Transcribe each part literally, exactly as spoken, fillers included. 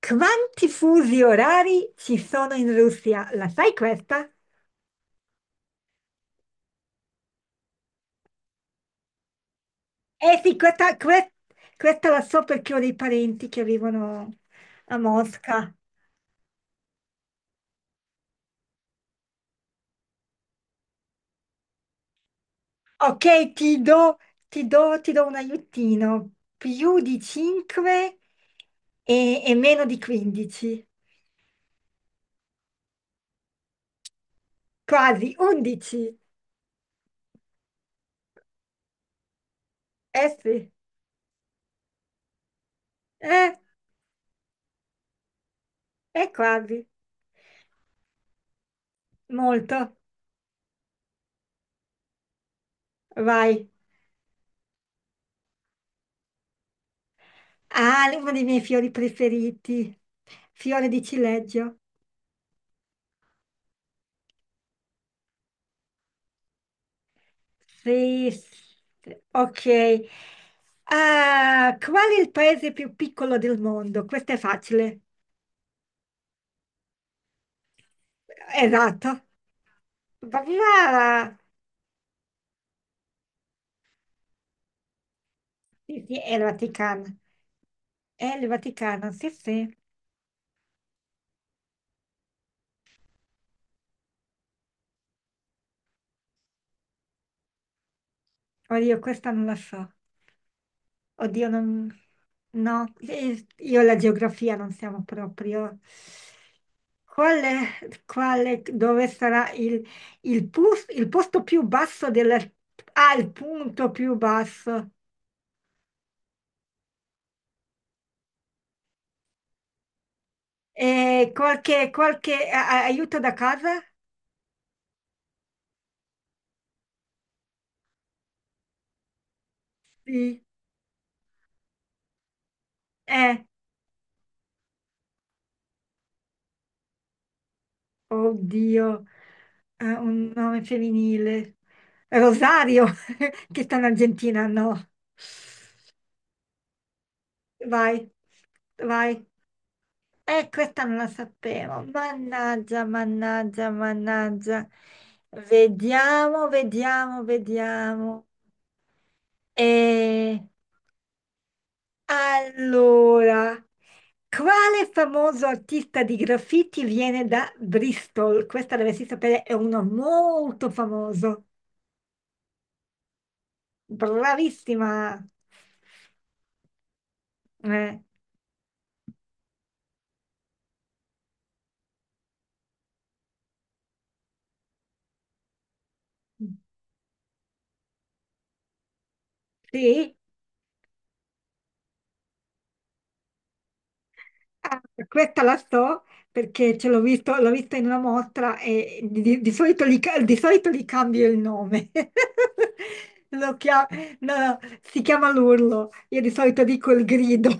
Quanti fusi orari ci sono in Russia? La sai questa? Eh sì, questa, que- questa la so perché ho dei parenti che vivono a Mosca. Ok, ti do, ti do- ti do un aiutino. Più di cinque e, e meno di quindici. Quasi undici. Eh sì, eh, è quasi. Molto. Vai. Ah, uno dei miei fiori preferiti. Fiore di cileggio. Sì, s- ok. Ah, qual è il paese più piccolo del mondo? Questo è facile. Esatto. Brava! Sì, sì, è il Vaticano. È il Vaticano, sì, sì. Oddio, questa non la so. Oddio, non... No, eh, io e la geografia non siamo proprio. Qual è, qual è- Dove sarà il, il pus- il posto più basso del... Ah, il punto più basso. E qualche, qualche a- a- aiuto da casa? Sì. Eh, Oddio, eh, un nome femminile. Rosario, che sta in Argentina, no. Vai, vai. Eh, questa non la sapevo. Mannaggia, mannaggia, mannaggia. Vediamo, vediamo, vediamo. E allora, quale famoso artista di graffiti viene da Bristol? Questa dovresti sapere, è uno molto famoso. Bravissima. Eh, sì? Ah, questa la so perché ce l'ho visto, l'ho vista in una mostra e di, di- di solito, li, ca- di solito gli cambio il nome. Lo chia- no, no, si chiama l'urlo, io di solito dico il grido.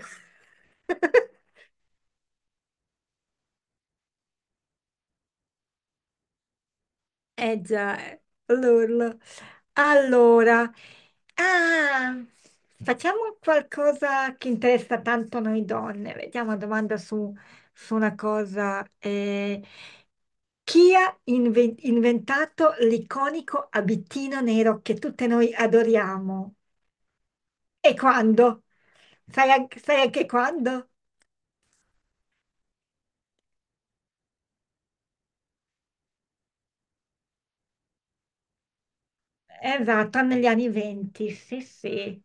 Eh già, eh. l'urlo. Allora, ah, facciamo qualcosa che interessa tanto noi donne. Vediamo una domanda su, su una cosa. Eh, chi ha inve- inventato l'iconico abitino nero che tutte noi adoriamo? E quando? Sai anche, sai anche quando? Esatto, negli anni venti, sì, sì.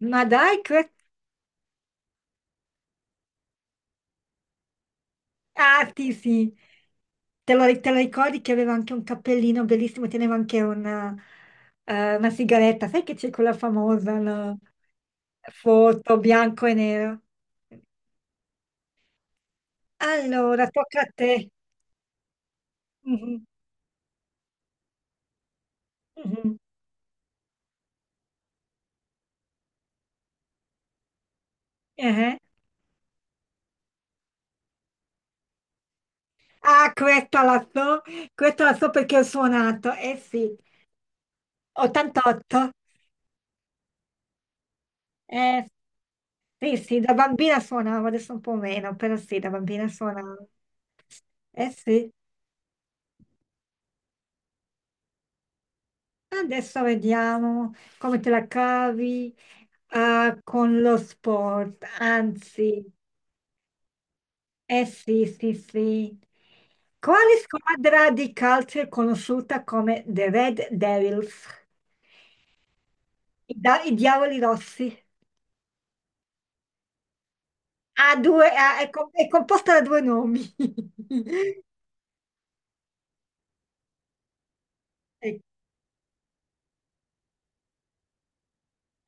Ma dai, que- Ah, sì, sì. Te lo, te lo ricordi che aveva anche un cappellino bellissimo, teneva anche una, eh, una sigaretta. Sai che c'è quella famosa, no? Foto bianco e nero? Allora, tocca a te. Mhm, mhm, eh. Ah, questa la so, questa la so perché ho suonato. Eh sì, ottantotto. Eh sì, sì, da bambina suonavo, adesso un po' meno, però sì, da bambina suonavo. Eh sì. Adesso vediamo come te la cavi ah, con lo sport. Anzi, eh sì, sì, sì. Quale squadra di calcio è conosciuta come The Red Devils? I, da- i Diavoli Rossi. Ha due, ha- è, com- è composta da due nomi. E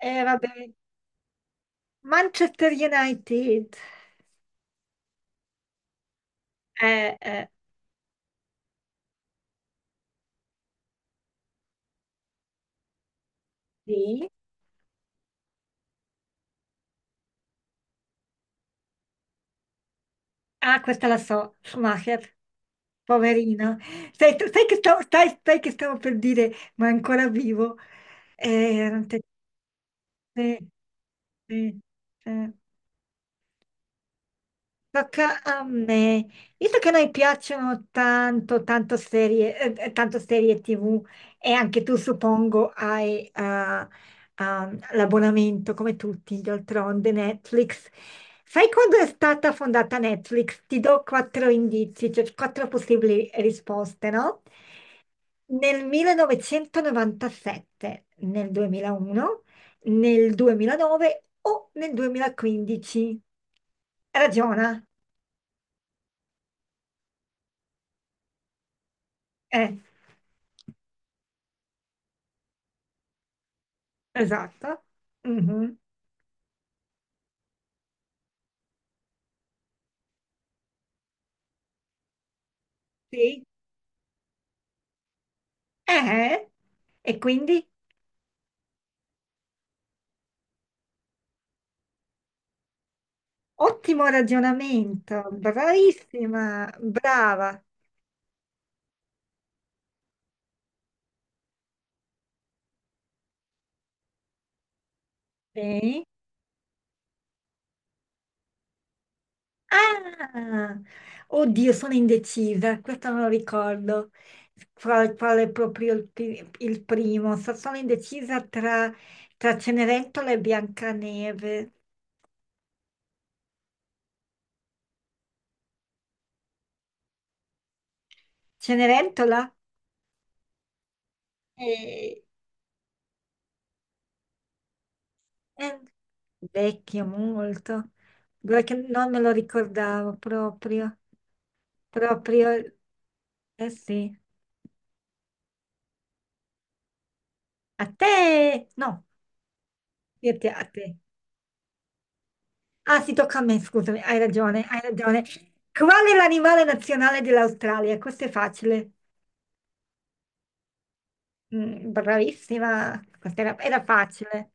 eh, vabbè. Manchester United. Eh, eh, sì. Ah, questa la so. Schumacher. Poverino, sai, sai che stavo, sai- sai che stavo per dire, ma è ancora vivo. Eh, erano te- sì, sì, sì. Tocca a me. Visto che a noi piacciono tanto, tanto serie, eh, eh, tanto serie T V e anche tu suppongo hai eh, ehm, l'abbonamento come tutti, d'altronde Netflix. Sai quando è stata fondata Netflix? Ti do quattro indizi, cioè quattro possibili risposte, no? Nel millenovecentonovantasette, nel duemilauno, nel duemilanove o nel duemilaquindici. Ragiona. Eh, esatto. Mhm, sì. Eh, e quindi ottimo ragionamento. Bravissima, brava. Sì. Ah, oddio, sono indecisa, questo non lo ricordo, qual- qual è proprio il, pri- il primo. So- sono indecisa tra, tra Cenerentola e Biancaneve. Cenerentola è, è vecchio molto, guarda che non me lo ricordavo proprio, proprio, eh sì. A te, no, io te- a te. Ah, sì, tocca a me, scusami, hai ragione, hai ragione. Qual è l'animale nazionale dell'Australia? Questo è facile. Mm, bravissima, questa era, era facile.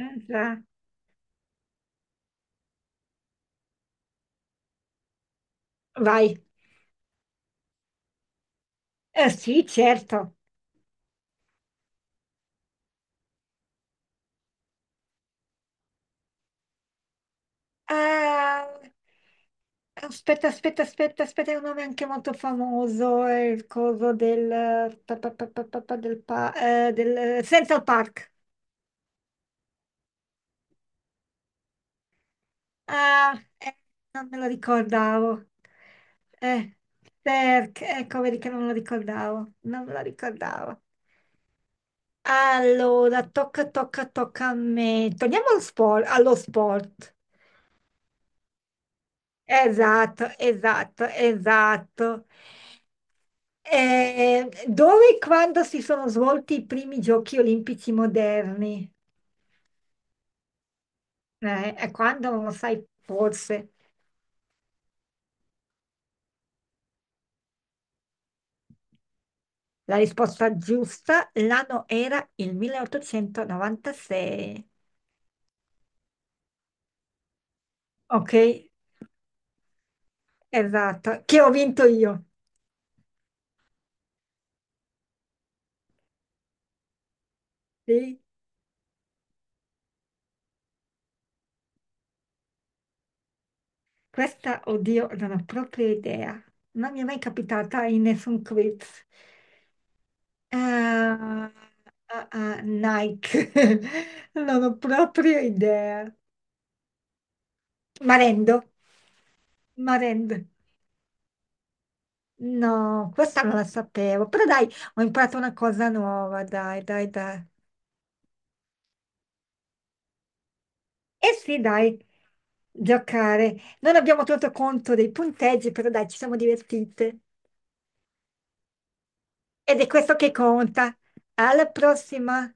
Mm, già. Vai. Eh, sì, certo. Eh, Aspetta, aspetta, aspetta, aspetta, è un nome anche molto famoso, è il coso del, pa- pa- pa- pa- pa- pa- del, pa- eh, del Central Park. Ah, eh, non me lo ricordavo. Eh, Perché? Ecco, vedi che non me lo ricordavo. Non me lo ricordavo. Allora, tocca, tocca, tocca a me. Torniamo allo sport. Allo sport. Esatto, esatto, esatto. Eh, dove e quando si sono svolti i primi giochi olimpici moderni? Eh, e quando non lo sai, forse. La risposta giusta, l'anno era il milleottocentonovantasei. Ok, esatto, che ho vinto io. Sì? Questa, oddio, non ho proprio idea. Non mi è mai capitata in nessun quiz. Ah, ah, ah, Nike, non ho proprio idea. Marendo, Marendo. No, questa non la sapevo, però dai, ho imparato una cosa nuova, dai, dai, dai. Eh sì, dai, giocare. Non abbiamo tenuto conto dei punteggi, però dai, ci siamo divertite. Ed è questo che conta. Alla prossima!